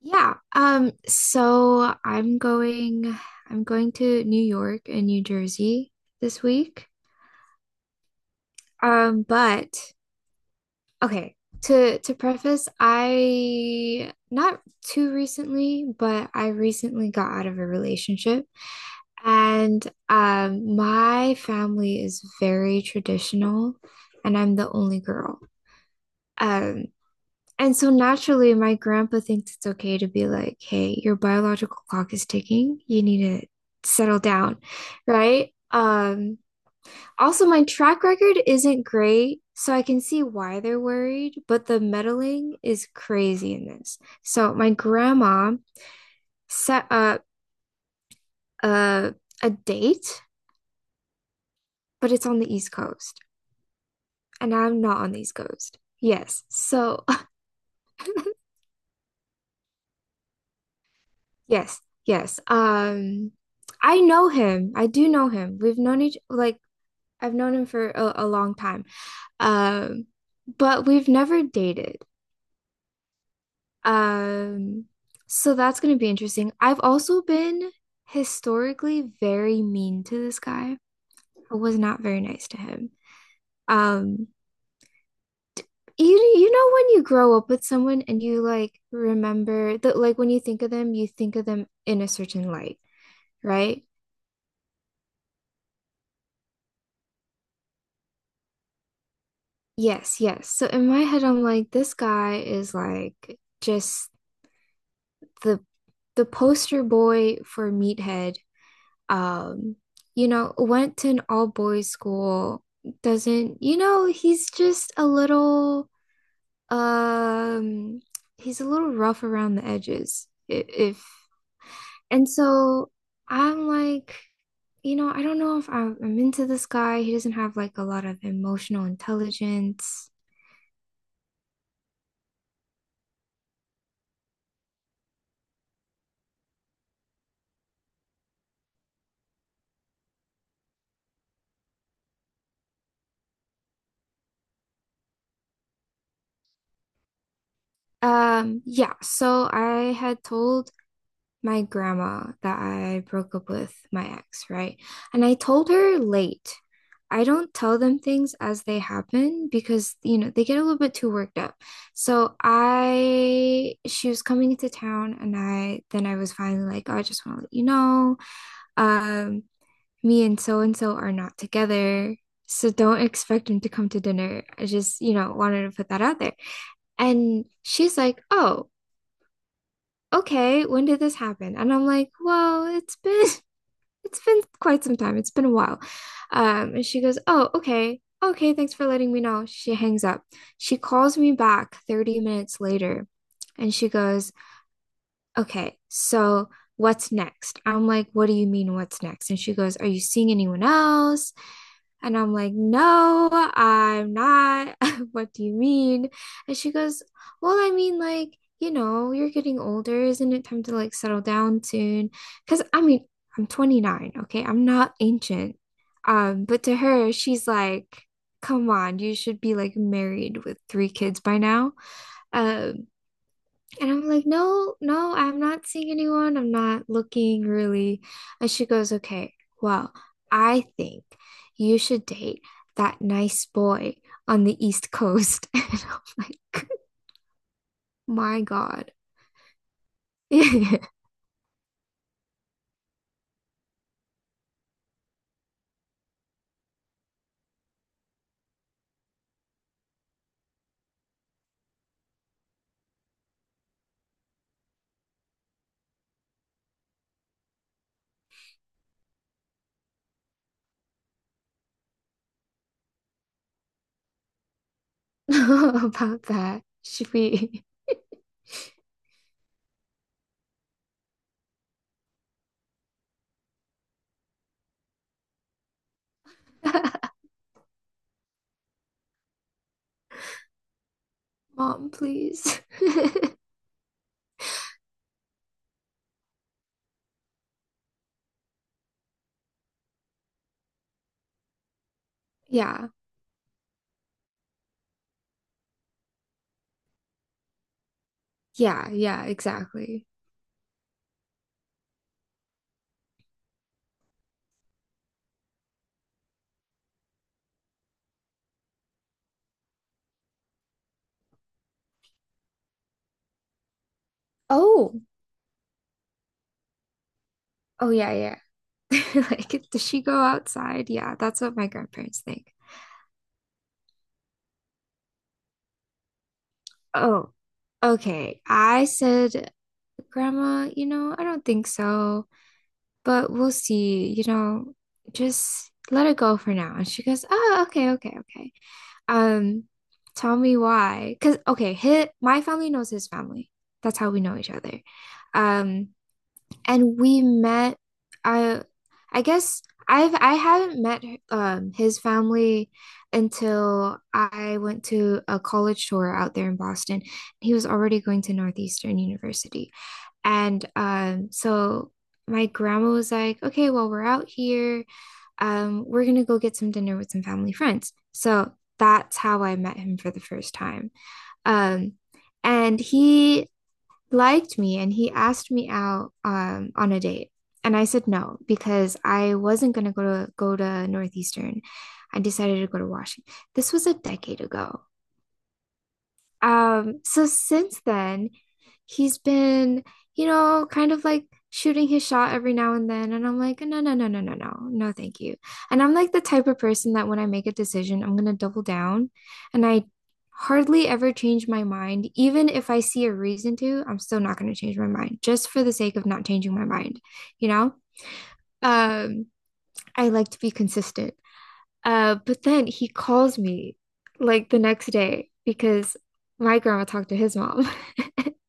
Yeah. So I'm going to New York and New Jersey this week. But okay, to preface, I not too recently, but I recently got out of a relationship, and my family is very traditional, and I'm the only girl. Um, And so naturally, my grandpa thinks it's okay to be like, hey, your biological clock is ticking. You need to settle down, right? Also, my track record isn't great, so I can see why they're worried, but the meddling is crazy in this. So my grandma set up a, a date, but it's on the East Coast, and I'm not on the East Coast. Yes. So yes, yes. I know him. I do know him. We've known each like I've known him for a long time. Um, but we've never dated. Um, so that's gonna be interesting. I've also been historically very mean to this guy. I was not very nice to him. Um, you know when you grow up with someone and you like remember that like when you think of them, you think of them in a certain light, right? Yes, yes. So in my head, I'm like, this guy is like just the the poster boy for meathead. Um, you know, went to an all boys school, doesn't, you know, he's just a little um he's a little rough around the edges. If And so I'm like, you know, I don't know if I'm into this guy. He doesn't have like a lot of emotional intelligence. Yeah, so I had told my grandma that I broke up with my ex, right? And I told her late. I don't tell them things as they happen because, you know, they get a little bit too worked up. So she was coming into town, and then I was finally like, oh, I just want to let you know, um, me and so are not together. So don't expect him to come to dinner. I just, you know, wanted to put that out there. And she's like, oh, okay, when did this happen? And I'm like, well, it's been it's been quite some time. It's been a while. And she goes, oh, okay. Okay, thanks for letting me know. She hangs up. She calls me back 30 minutes later and she goes, okay, so what's next? I'm like, what do you mean, what's next? And she goes, are you seeing anyone else? And I'm like, no, I'm not. What do you mean? And she goes, well, I mean, like, you know, you're getting older. Isn't it time to like settle down soon? Because I mean, I'm 29, okay? I'm not ancient. But to her, she's like, come on, you should be like married with three kids by now. Um, and I'm like, no, no, I'm not seeing anyone. I'm not looking really. And she goes, okay, well, I think you should date that nice boy on the East Coast. And I'm like, my God. About that. Should we? Mom, please. Yeah. Yeah. Yeah. Exactly. Oh. Oh, yeah. Yeah. Like, does she go outside? Yeah. That's what my grandparents think. Oh. Okay, I said, Grandma, you know, I don't think so, but we'll see. You know, just let it go for now. And she goes, oh, okay, okay, okay. Um, tell me why. Because, okay, my family knows his family. That's how we know each other. Um, and we met, I, I guess I haven't met his family until I went to a college tour out there in Boston. He was already going to Northeastern University. And so my grandma was like, okay, well, we're out here. We're gonna go get some dinner with some family friends. So that's how I met him for the first time. Um, and he liked me and he asked me out on a date. And I said no because I wasn't gonna go to Northeastern. I decided to go to Washington. This was a decade ago. So since then, he's been, you know, kind of like shooting his shot every now and then. And I'm like, no, no, no, no, no, no, no, thank you. And I'm like the type of person that when I make a decision, I'm gonna double down. And I hardly ever change my mind. Even if I see a reason to, I'm still not gonna change my mind just for the sake of not changing my mind, you know? Um, I like to be consistent. But then he calls me like the next day because my grandma talked to his mom.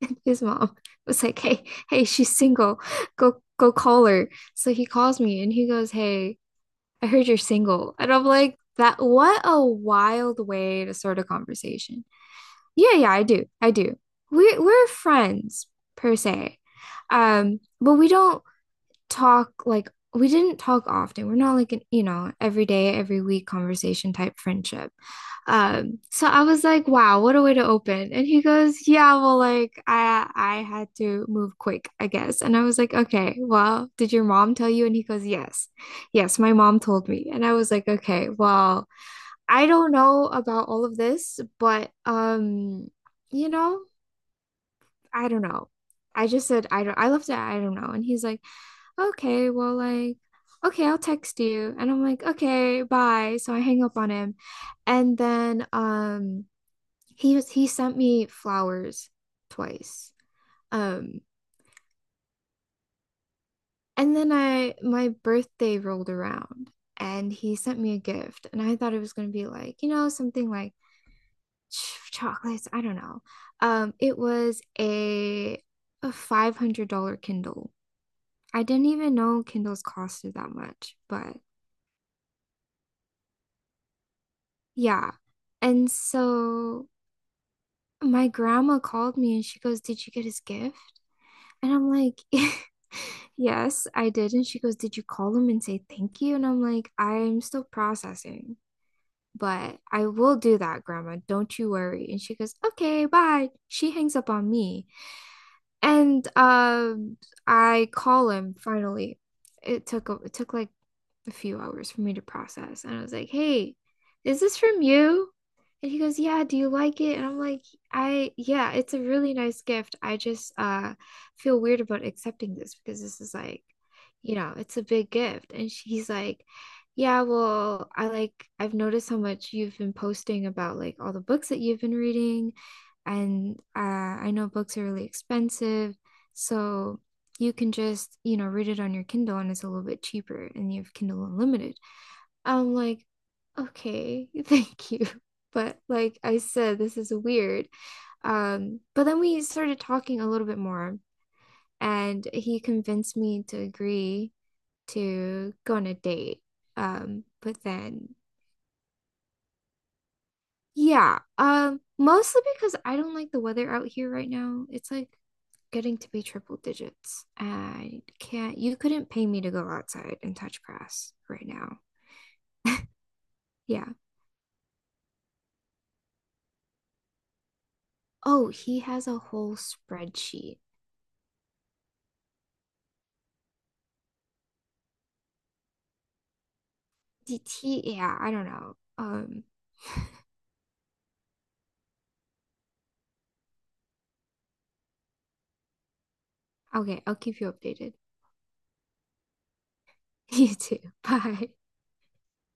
And his mom was like, "Hey, hey, she's single. Go call her." So he calls me and he goes, "Hey, I heard you're single." And I'm like, "That what a wild way to start a conversation." Yeah, yeah, I do. I do. We're friends per se. But we don't talk, we didn't talk often. We're not like an, you know, every day, every week conversation type friendship. So I was like, wow, what a way to open. And he goes, yeah, well, like I had to move quick, I guess. And I was like, okay, well, did your mom tell you? And he goes, yes. Yes, my mom told me. And I was like, okay, well, I don't know about all of this, but you know, I don't know. I just said I don't I left it, I don't know. And he's like, okay, well, like, okay, I'll text you. And I'm like, okay, bye. So I hang up on him. And then he sent me flowers twice. Um, and then I my birthday rolled around and he sent me a gift, and I thought it was gonna be like, you know, something like chocolates, I don't know. Um, it was a $500 Kindle. I didn't even know Kindles costed that much, but yeah. And so my grandma called me and she goes, did you get his gift? And I'm like, yes, I did. And she goes, did you call him and say thank you? And I'm like, I'm still processing, but I will do that, Grandma. Don't you worry. And she goes, okay, bye. She hangs up on me. And I call him finally. It took like a few hours for me to process, and I was like, "Hey, is this from you?" And he goes, "Yeah, do you like it?" And I'm like, "I yeah, it's a really nice gift. I just feel weird about accepting this because this is like, you know, it's a big gift." And she's like, "Yeah, well, I've noticed how much you've been posting about like all the books that you've been reading." And I know books are really expensive, so you can just, you know, read it on your Kindle and it's a little bit cheaper and you have Kindle Unlimited. I'm like, okay, thank you. But like I said, this is weird. But then we started talking a little bit more, and he convinced me to agree to go on a date. But then yeah, mostly because I don't like the weather out here right now. It's like getting to be triple digits. I can't, you couldn't pay me to go outside and touch grass right now. Yeah. Oh, he has a whole spreadsheet. D- T yeah, I don't know. Okay, I'll keep you updated. You too. Bye.